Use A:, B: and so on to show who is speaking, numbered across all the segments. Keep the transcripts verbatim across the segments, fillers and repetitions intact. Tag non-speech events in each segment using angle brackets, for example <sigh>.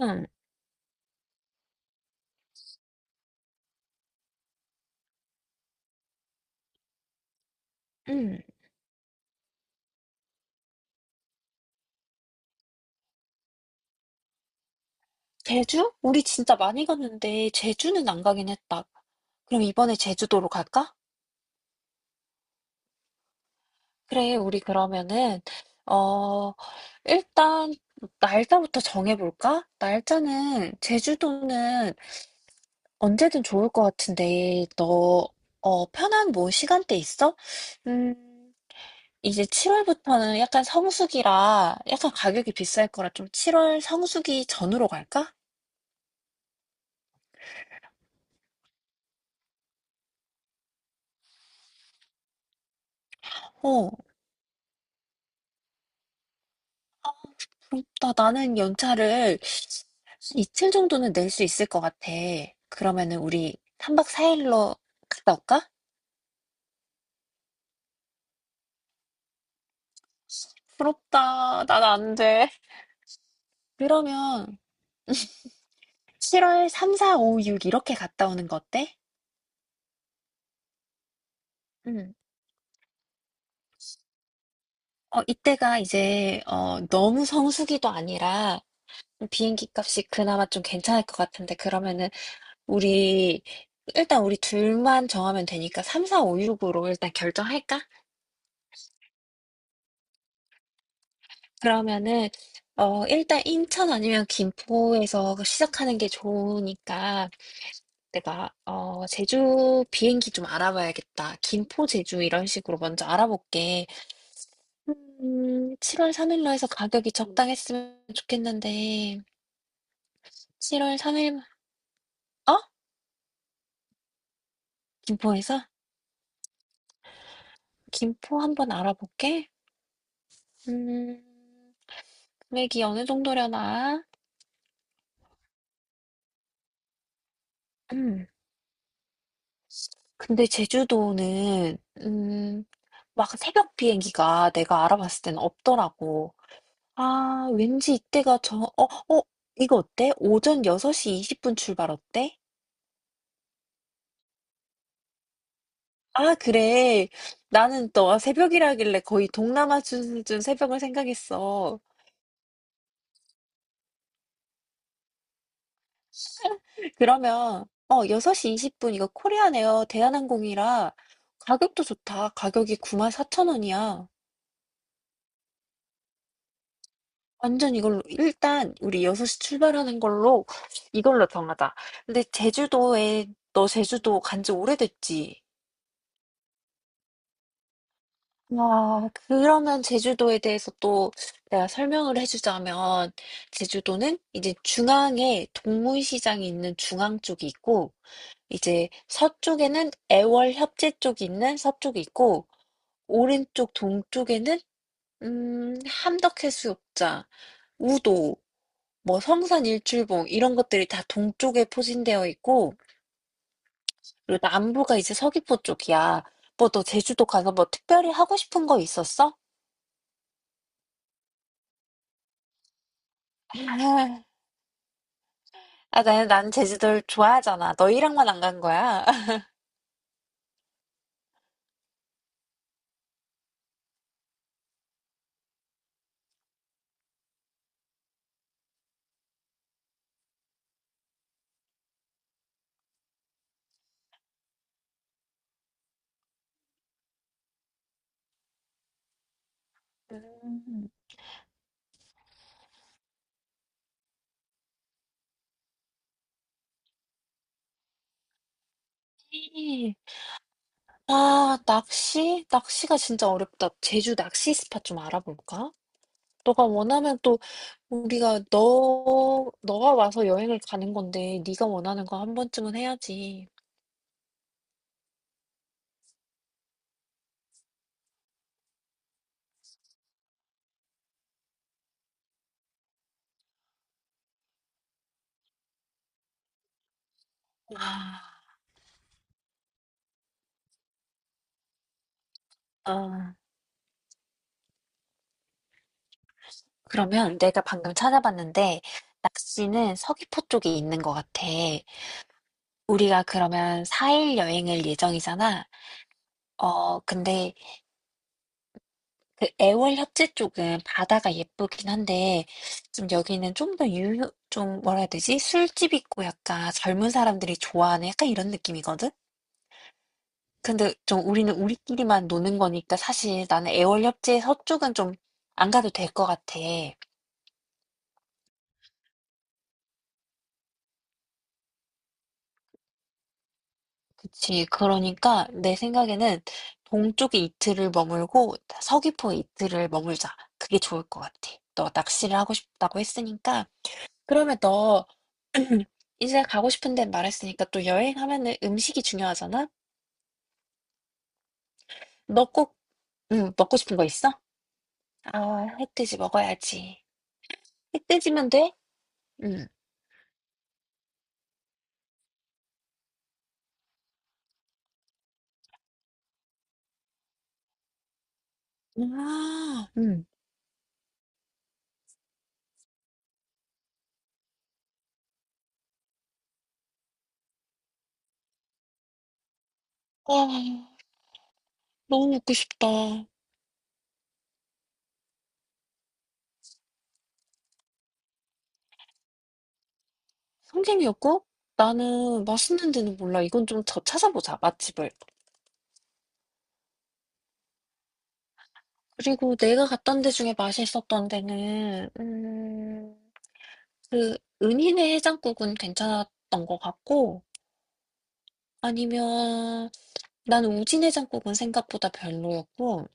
A: 음. 음. 제주? 우리 진짜 많이 갔는데 제주는 안 가긴 했다. 그럼 이번에 제주도로 갈까? 그래, 우리 그러면은 어 일단 날짜부터 정해볼까? 날짜는 제주도는 언제든 좋을 것 같은데 너 어, 편한 뭐 시간대 있어? 음 이제 칠월부터는 약간 성수기라 약간 가격이 비쌀 거라 좀 칠월 성수기 전으로 갈까? 어. 그렇다. 나는 연차를 이틀 정도는 낼 수 있을 것 같아. 그러면은 우리 삼 박 사 일로 갔다 올까? 부럽다. 난 안 돼. 그러면 칠월 삼, 사, 오, 육 이렇게 갔다 오는 거 어때? 응. 어, 이때가 이제 어, 너무 성수기도 아니라 비행기 값이 그나마 좀 괜찮을 것 같은데 그러면은 우리 일단 우리 둘만 정하면 되니까 삼, 사, 오, 육으로 일단 결정할까? 그러면은 어 일단 인천 아니면 김포에서 그 시작하는 게 좋으니까 내가 어 제주 비행기 좀 알아봐야겠다. 김포 제주 이런 식으로 먼저 알아볼게. 음 칠월 삼 일로 해서 가격이 적당했으면 좋겠는데 칠월 삼 일 어? 김포에서? 김포 한번 알아볼게. 음 금액이 어느 정도려나? 음. 근데 제주도는 음, 막 새벽 비행기가 내가 알아봤을 때는 없더라고. 아, 왠지 이때가 저, 어, 어, 이거 어때? 오전 여섯 시 이십 분 출발 어때? 아, 그래. 나는 또 아, 새벽이라길래 거의 동남아 수준 새벽을 생각했어. <laughs> 그러면, 어, 여섯 시 이십 분 이거 코리안 에어 대한항공이라 가격도 좋다. 가격이 구만 사천 원이야. 완전 이걸로 일단 우리 여섯 시 출발하는 걸로 이걸로 정하자. 근데 제주도에 너 제주도 간지 오래됐지? 와, 그러면 제주도에 대해서 또 내가 설명을 해주자면 제주도는 이제 중앙에 동문시장이 있는 중앙 쪽이 있고 이제 서쪽에는 애월협재 쪽이 있는 서쪽이 있고 오른쪽 동쪽에는 음, 함덕해수욕장, 우도 뭐 성산 일출봉 이런 것들이 다 동쪽에 포진되어 있고 그리고 남부가 이제 서귀포 쪽이야. 뭐 너 제주도 가서 뭐 특별히 하고 싶은 거 있었어? <laughs> 아, 아, 나는 난 제주도를 좋아하잖아. 너희랑만 안 간 거야. <laughs> 음. 아, 낚시? 낚시가 진짜 어렵다. 제주 낚시 스팟 좀 알아볼까? 너가 원하면 또 우리가 너 너가 와서 여행을 가는 건데 네가 원하는 거 한 번쯤은 해야지. 아, 아. 그러면 내가 방금 찾아봤는데 낚시는 서귀포 쪽에 있는 것 같아. 우리가 그러면 사 일 여행을 예정이잖아. 어, 근데 그 애월 협재 쪽은 바다가 예쁘긴 한데 좀 여기는 좀 더 유, 좀 뭐라 해야 되지? 술집 있고 약간 젊은 사람들이 좋아하는 약간 이런 느낌이거든? 근데 좀 우리는 우리끼리만 노는 거니까 사실 나는 애월 협재 서쪽은 좀 안 가도 될 것 같아. 그치. 그러니까 내 생각에는 동쪽에 이틀을 머물고 서귀포에 이틀을 머물자. 그게 좋을 것 같아. 너 낚시를 하고 싶다고 했으니까. 그러면 너 <clears throat> 이제 가고 싶은 데 말했으니까 또 여행하면은 음식이 중요하잖아? 너 꼭, 응, 먹고 싶은 거 있어? 아, 흑돼지 먹어야지. 흑돼지면 돼? 응, 아, 응. 아, 너무 먹고 싶다. 성게미역국? 나는 맛있는 데는 몰라. 이건 좀 더 찾아보자, 맛집을. 그리고 내가 갔던 데 중에 맛있었던 데는 음, 그 은희네 해장국은 괜찮았던 것 같고 아니면 난 우진 해장국은 생각보다 별로였고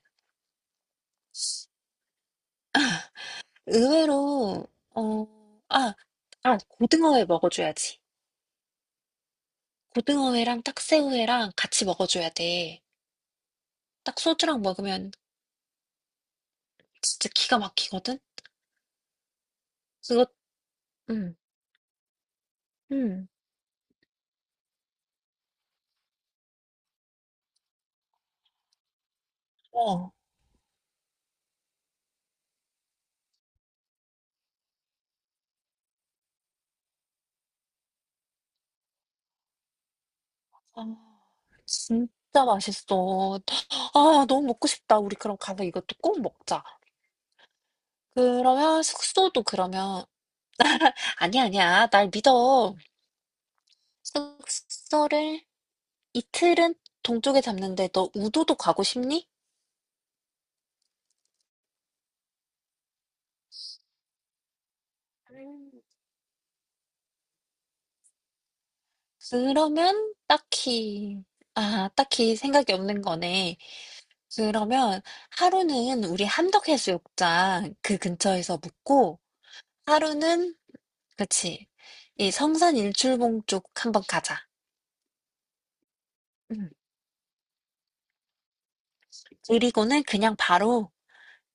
A: <laughs> 의외로 어, 아, 아 고등어회 먹어줘야지. 고등어회랑 딱새우회랑 같이 먹어줘야 돼. 딱 소주랑 먹으면 진짜 기가 막히거든. 그거 음, 음, 아, 진짜 맛있어. 아, 너무 먹고 싶다. 우리 그럼 가서 이것도 꼭 먹자. 그러면 숙소도 그러면 아니야, 아니야. 날 믿어. 숙소를 이틀은 동쪽에 잡는데 너 우도도 가고 싶니? 음. 그러면 딱히 아, 딱히 생각이 없는 거네. 그러면 하루는 우리 함덕해수욕장 그 근처에서 묵고 하루는 그치. 이 성산 일출봉 쪽 한번 가자. 응. 그리고는 그냥 바로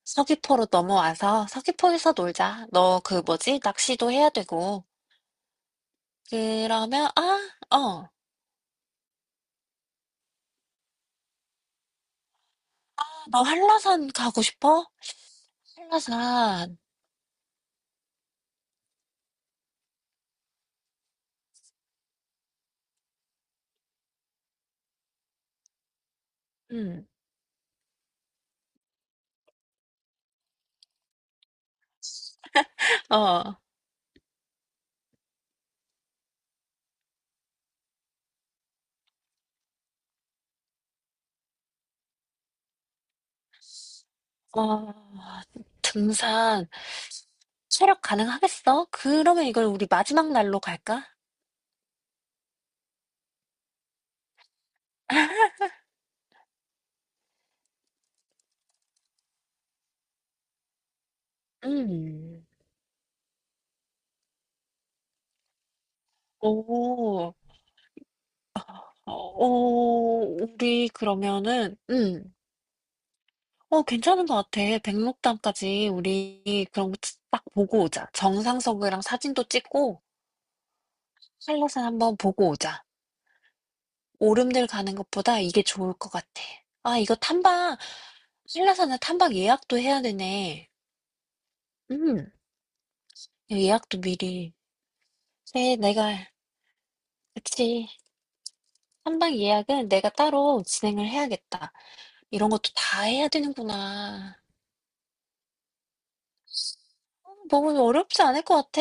A: 서귀포로 넘어와서 서귀포에서 놀자. 너 그 뭐지? 낚시도 해야 되고. 그러면, 아, 어. 너 한라산 가고 싶어? 한라산. 음, 어, 어. 등산. 체력 가능하겠어? 그러면 이걸 우리 마지막 날로 갈까? 음. <laughs> 오, 어, 어, 우리 그러면은, 음. 어, 괜찮은 것 같아. 백록담까지 우리 그런 거 딱 보고 오자. 정상석이랑 사진도 찍고 한라산 한번 보고 오자. 오름들 가는 것보다 이게 좋을 것 같아. 아, 이거 탐방, 한라산은 탐방 예약도 해야 되네. 음, 예약도 미리. 네, 내가, 그치. 탐방 예약은 내가 따로 진행을 해야겠다. 이런 것도 다 해야 되는구나. 너무 어렵지 않을 것 같아.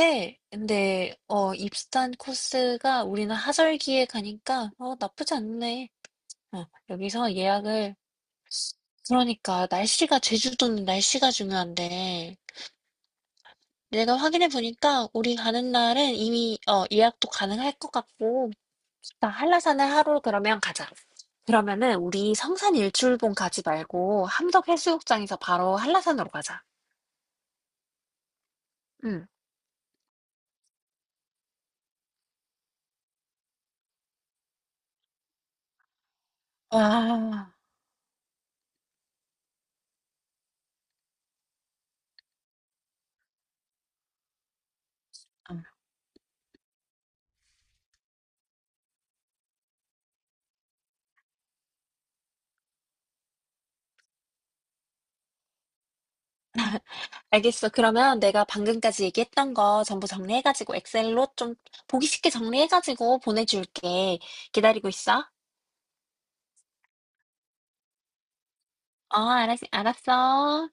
A: 근데 어 입산 코스가 우리는 하절기에 가니까 어 나쁘지 않네. 어, 여기서 예약을 그러니까 날씨가 제주도는 날씨가 중요한데 내가 확인해 보니까 우리 가는 날은 이미 어 예약도 가능할 것 같고 나 한라산을 하루 그러면 가자. 그러면은 우리 성산 일출봉 가지 말고 함덕해수욕장에서 바로 한라산으로 가자. 응. 와. 알겠어. 그러면 내가 방금까지 얘기했던 거 전부 정리해가지고 엑셀로 좀 보기 쉽게 정리해가지고 보내줄게. 기다리고 있어. 어, 알았, 알았어.